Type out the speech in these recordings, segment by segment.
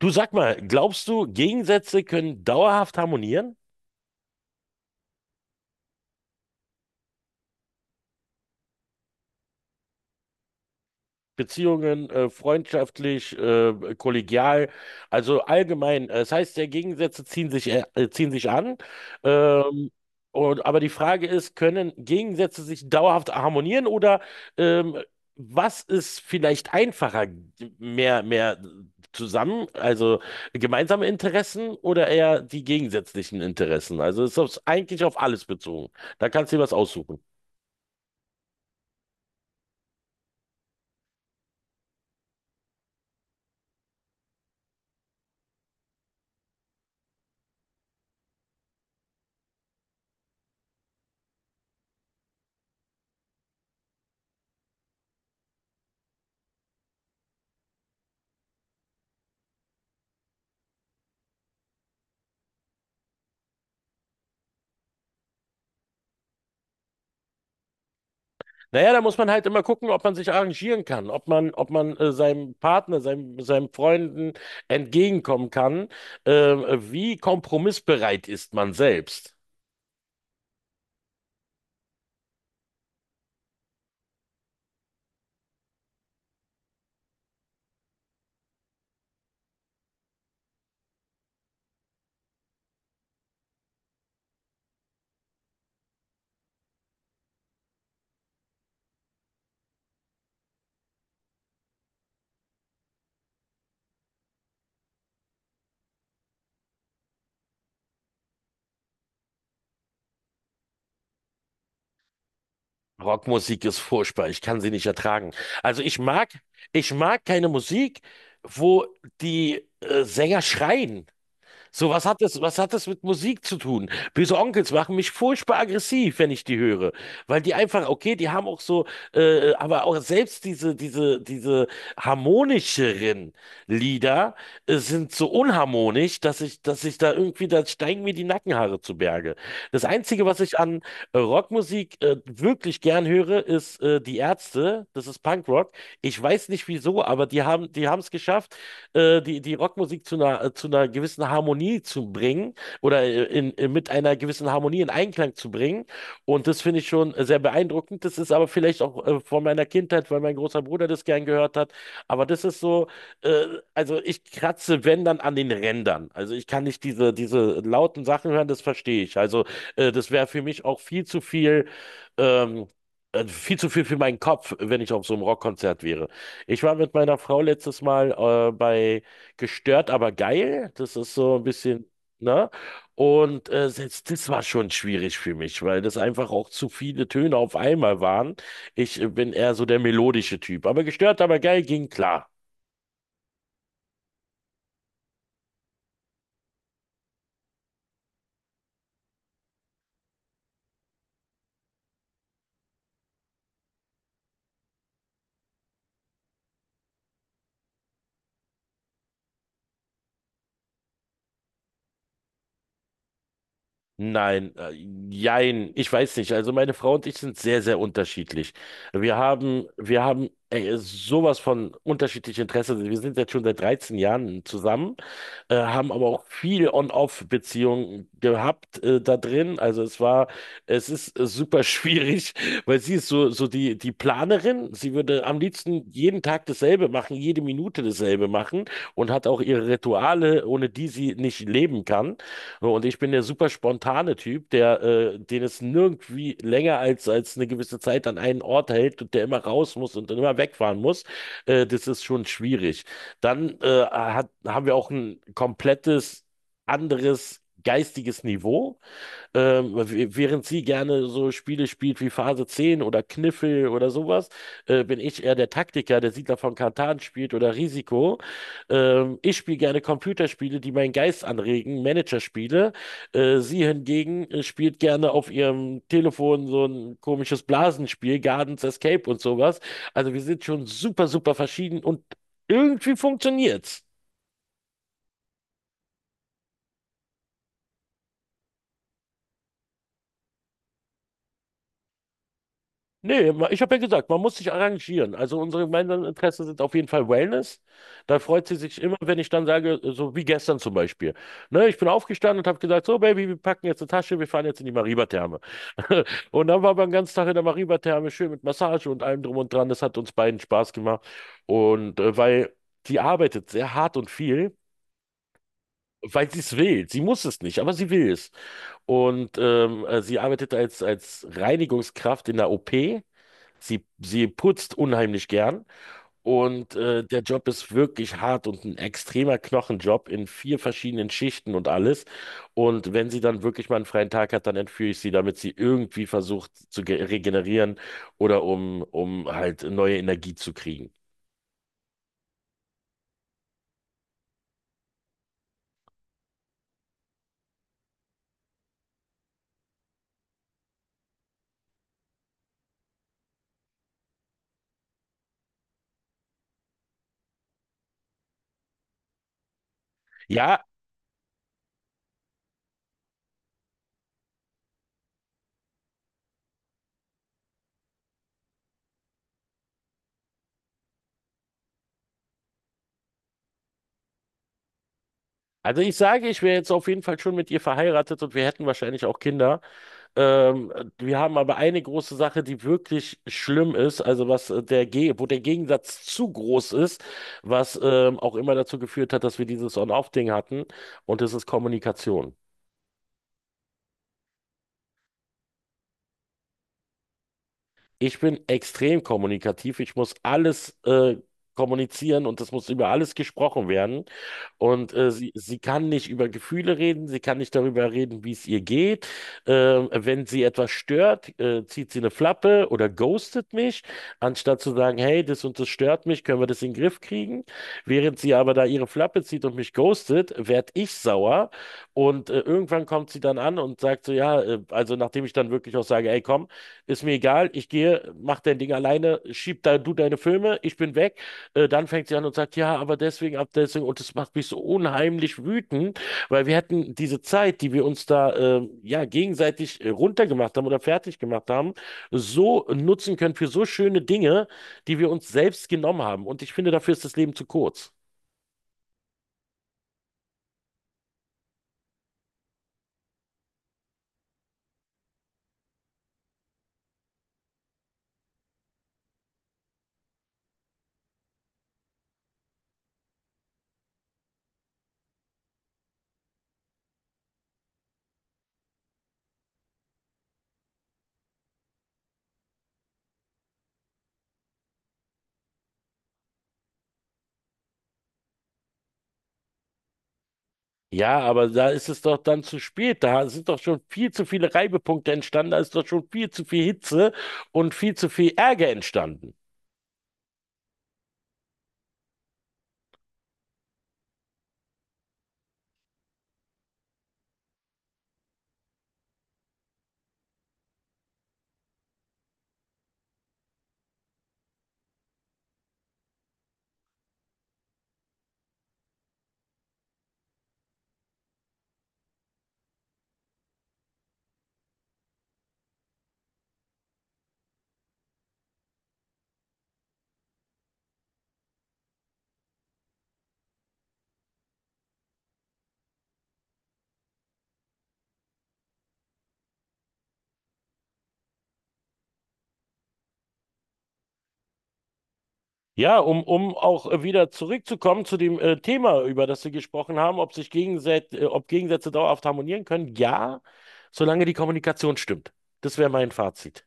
Du sag mal, glaubst du, Gegensätze können dauerhaft harmonieren? Beziehungen, freundschaftlich, kollegial, also allgemein. Das heißt, ja, Gegensätze ziehen sich an. Ähm, aber die Frage ist, können Gegensätze sich dauerhaft harmonieren oder ähm, was ist vielleicht einfacher? Mehr zusammen, also gemeinsame Interessen oder eher die gegensätzlichen Interessen? Also ist das eigentlich auf alles bezogen. Da kannst du dir was aussuchen. Naja, da muss man halt immer gucken, ob man sich arrangieren kann, ob man seinem Partner, seinem Freunden entgegenkommen kann. Äh, wie kompromissbereit ist man selbst? Rockmusik ist furchtbar, ich kann sie nicht ertragen. Also ich mag, ich mag keine Musik, wo die Sänger schreien. So, was hat das mit Musik zu tun? Böse Onkels machen mich furchtbar aggressiv, wenn ich die höre. Weil die einfach, okay, die haben auch so, aber auch selbst diese harmonischeren Lieder sind so unharmonisch, dass ich da irgendwie, da steigen mir die Nackenhaare zu Berge. Das Einzige, was ich an Rockmusik wirklich gern höre, ist die Ärzte. Das ist Punkrock. Ich weiß nicht wieso, aber die haben es geschafft, die Rockmusik zu einer gewissen Harmonie zu bringen oder mit einer gewissen Harmonie in Einklang zu bringen. Und das finde ich schon sehr beeindruckend. Das ist aber vielleicht auch von meiner Kindheit, weil mein großer Bruder das gern gehört hat, aber das ist so, äh, also ich kratze, wenn dann an den Rändern. Also ich kann nicht diese lauten Sachen hören, das verstehe ich. Also das wäre für mich auch ähm, viel zu viel für meinen Kopf, wenn ich auf so einem Rockkonzert wäre. Ich war mit meiner Frau letztes Mal bei Gestört, aber geil. Das ist so ein bisschen, ne? Und selbst das war schon schwierig für mich, weil das einfach auch zu viele Töne auf einmal waren. Ich bin eher so der melodische Typ. Aber gestört, aber geil ging klar. Nein, jein, ich weiß nicht. Also meine Frau und ich sind sehr, sehr unterschiedlich. Wir haben ey, sowas von unterschiedlichen Interessen. Wir sind jetzt schon seit 13 Jahren zusammen, haben aber auch viel On-Off-Beziehungen gehabt da drin. Es ist super schwierig, weil sie ist so, so die Planerin. Sie würde am liebsten jeden Tag dasselbe machen, jede Minute dasselbe machen und hat auch ihre Rituale, ohne die sie nicht leben kann. So. Und ich bin der super spontane Typ, der, den es nirgendwie länger als, als eine gewisse Zeit an einen Ort hält und der immer raus muss und dann immer wegfahren muss. Das ist schon schwierig. Dann haben wir auch ein komplettes anderes geistiges Niveau, während sie gerne so Spiele spielt wie Phase 10 oder Kniffel oder sowas, bin ich eher der Taktiker, der Siedler von Catan spielt oder Risiko. Ich spiele gerne Computerspiele, die meinen Geist anregen, Managerspiele. Sie hingegen spielt gerne auf ihrem Telefon so ein komisches Blasenspiel, Gardens Escape und sowas. Also wir sind schon super, super verschieden und irgendwie funktioniert's. Nee, ich habe ja gesagt, man muss sich arrangieren. Also unsere gemeinsamen Interessen sind auf jeden Fall Wellness. Da freut sie sich immer, wenn ich dann sage, so wie gestern zum Beispiel. Ne, ich bin aufgestanden und habe gesagt, so Baby, wir packen jetzt eine Tasche, wir fahren jetzt in die Mariba-Therme. Und dann waren wir den ganzen Tag in der Mariba-Therme, schön mit Massage und allem drum und dran. Das hat uns beiden Spaß gemacht. Weil die arbeitet sehr hart und viel. Weil sie es will. Sie muss es nicht, aber sie will es. Und sie arbeitet als Reinigungskraft in der OP. Sie putzt unheimlich gern und der Job ist wirklich hart und ein extremer Knochenjob in 4 verschiedenen Schichten und alles. Und wenn sie dann wirklich mal einen freien Tag hat, dann entführe ich sie, damit sie irgendwie versucht zu regenerieren oder um halt neue Energie zu kriegen. Ja, also ich sage, ich wäre jetzt auf jeden Fall schon mit ihr verheiratet und wir hätten wahrscheinlich auch Kinder. Ähm, wir haben aber eine große Sache, die wirklich schlimm ist, also was der Ge wo der Gegensatz zu groß ist, was auch immer dazu geführt hat, dass wir dieses On-Off-Ding hatten, und das ist Kommunikation. Ich bin extrem kommunikativ. Ich muss alles kommunizieren und es muss über alles gesprochen werden. Und sie kann nicht über Gefühle reden, sie kann nicht darüber reden, wie es ihr geht. Wenn sie etwas stört, zieht sie eine Flappe oder ghostet mich, anstatt zu sagen, hey, das und das stört mich, können wir das in den Griff kriegen. Während sie aber da ihre Flappe zieht und mich ghostet, werd ich sauer. Und irgendwann kommt sie dann an und sagt so, ja, also nachdem ich dann wirklich auch sage, ey, komm, ist mir egal, ich gehe, mach dein Ding alleine, schieb da du deine Filme, ich bin weg. Dann fängt sie an und sagt, ja, aber deswegen, ab deswegen, und das macht mich so unheimlich wütend, weil wir hätten diese Zeit, die wir uns da ja gegenseitig runtergemacht haben oder fertig gemacht haben, so nutzen können für so schöne Dinge, die wir uns selbst genommen haben. Und ich finde, dafür ist das Leben zu kurz. Ja, aber da ist es doch dann zu spät. Da sind doch schon viel zu viele Reibepunkte entstanden, da ist doch schon viel zu viel Hitze und viel zu viel Ärger entstanden. Ja, um auch wieder zurückzukommen zu dem Thema, über das wir gesprochen haben, ob sich Gegensätze, ob Gegensätze dauerhaft harmonieren können. Ja, solange die Kommunikation stimmt. Das wäre mein Fazit.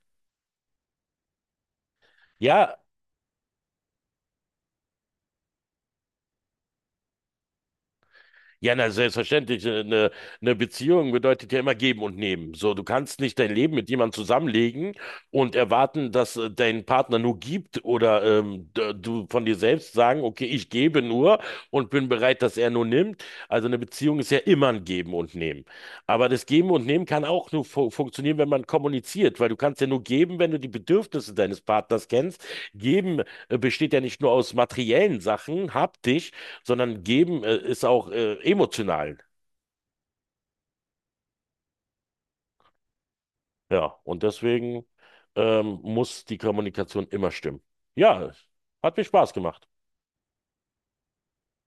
Ja, ja, na, selbstverständlich. Eine Beziehung bedeutet ja immer geben und nehmen. So, du kannst nicht dein Leben mit jemandem zusammenlegen und erwarten, dass dein Partner nur gibt oder du von dir selbst sagen, okay, ich gebe nur und bin bereit, dass er nur nimmt. Also eine Beziehung ist ja immer ein Geben und Nehmen. Aber das Geben und Nehmen kann auch nur fu funktionieren, wenn man kommuniziert, weil du kannst ja nur geben, wenn du die Bedürfnisse deines Partners kennst. Geben besteht ja nicht nur aus materiellen Sachen, haptisch, sondern geben ist auch emotional. Ja, und deswegen muss die Kommunikation immer stimmen. Ja, hat mir Spaß gemacht.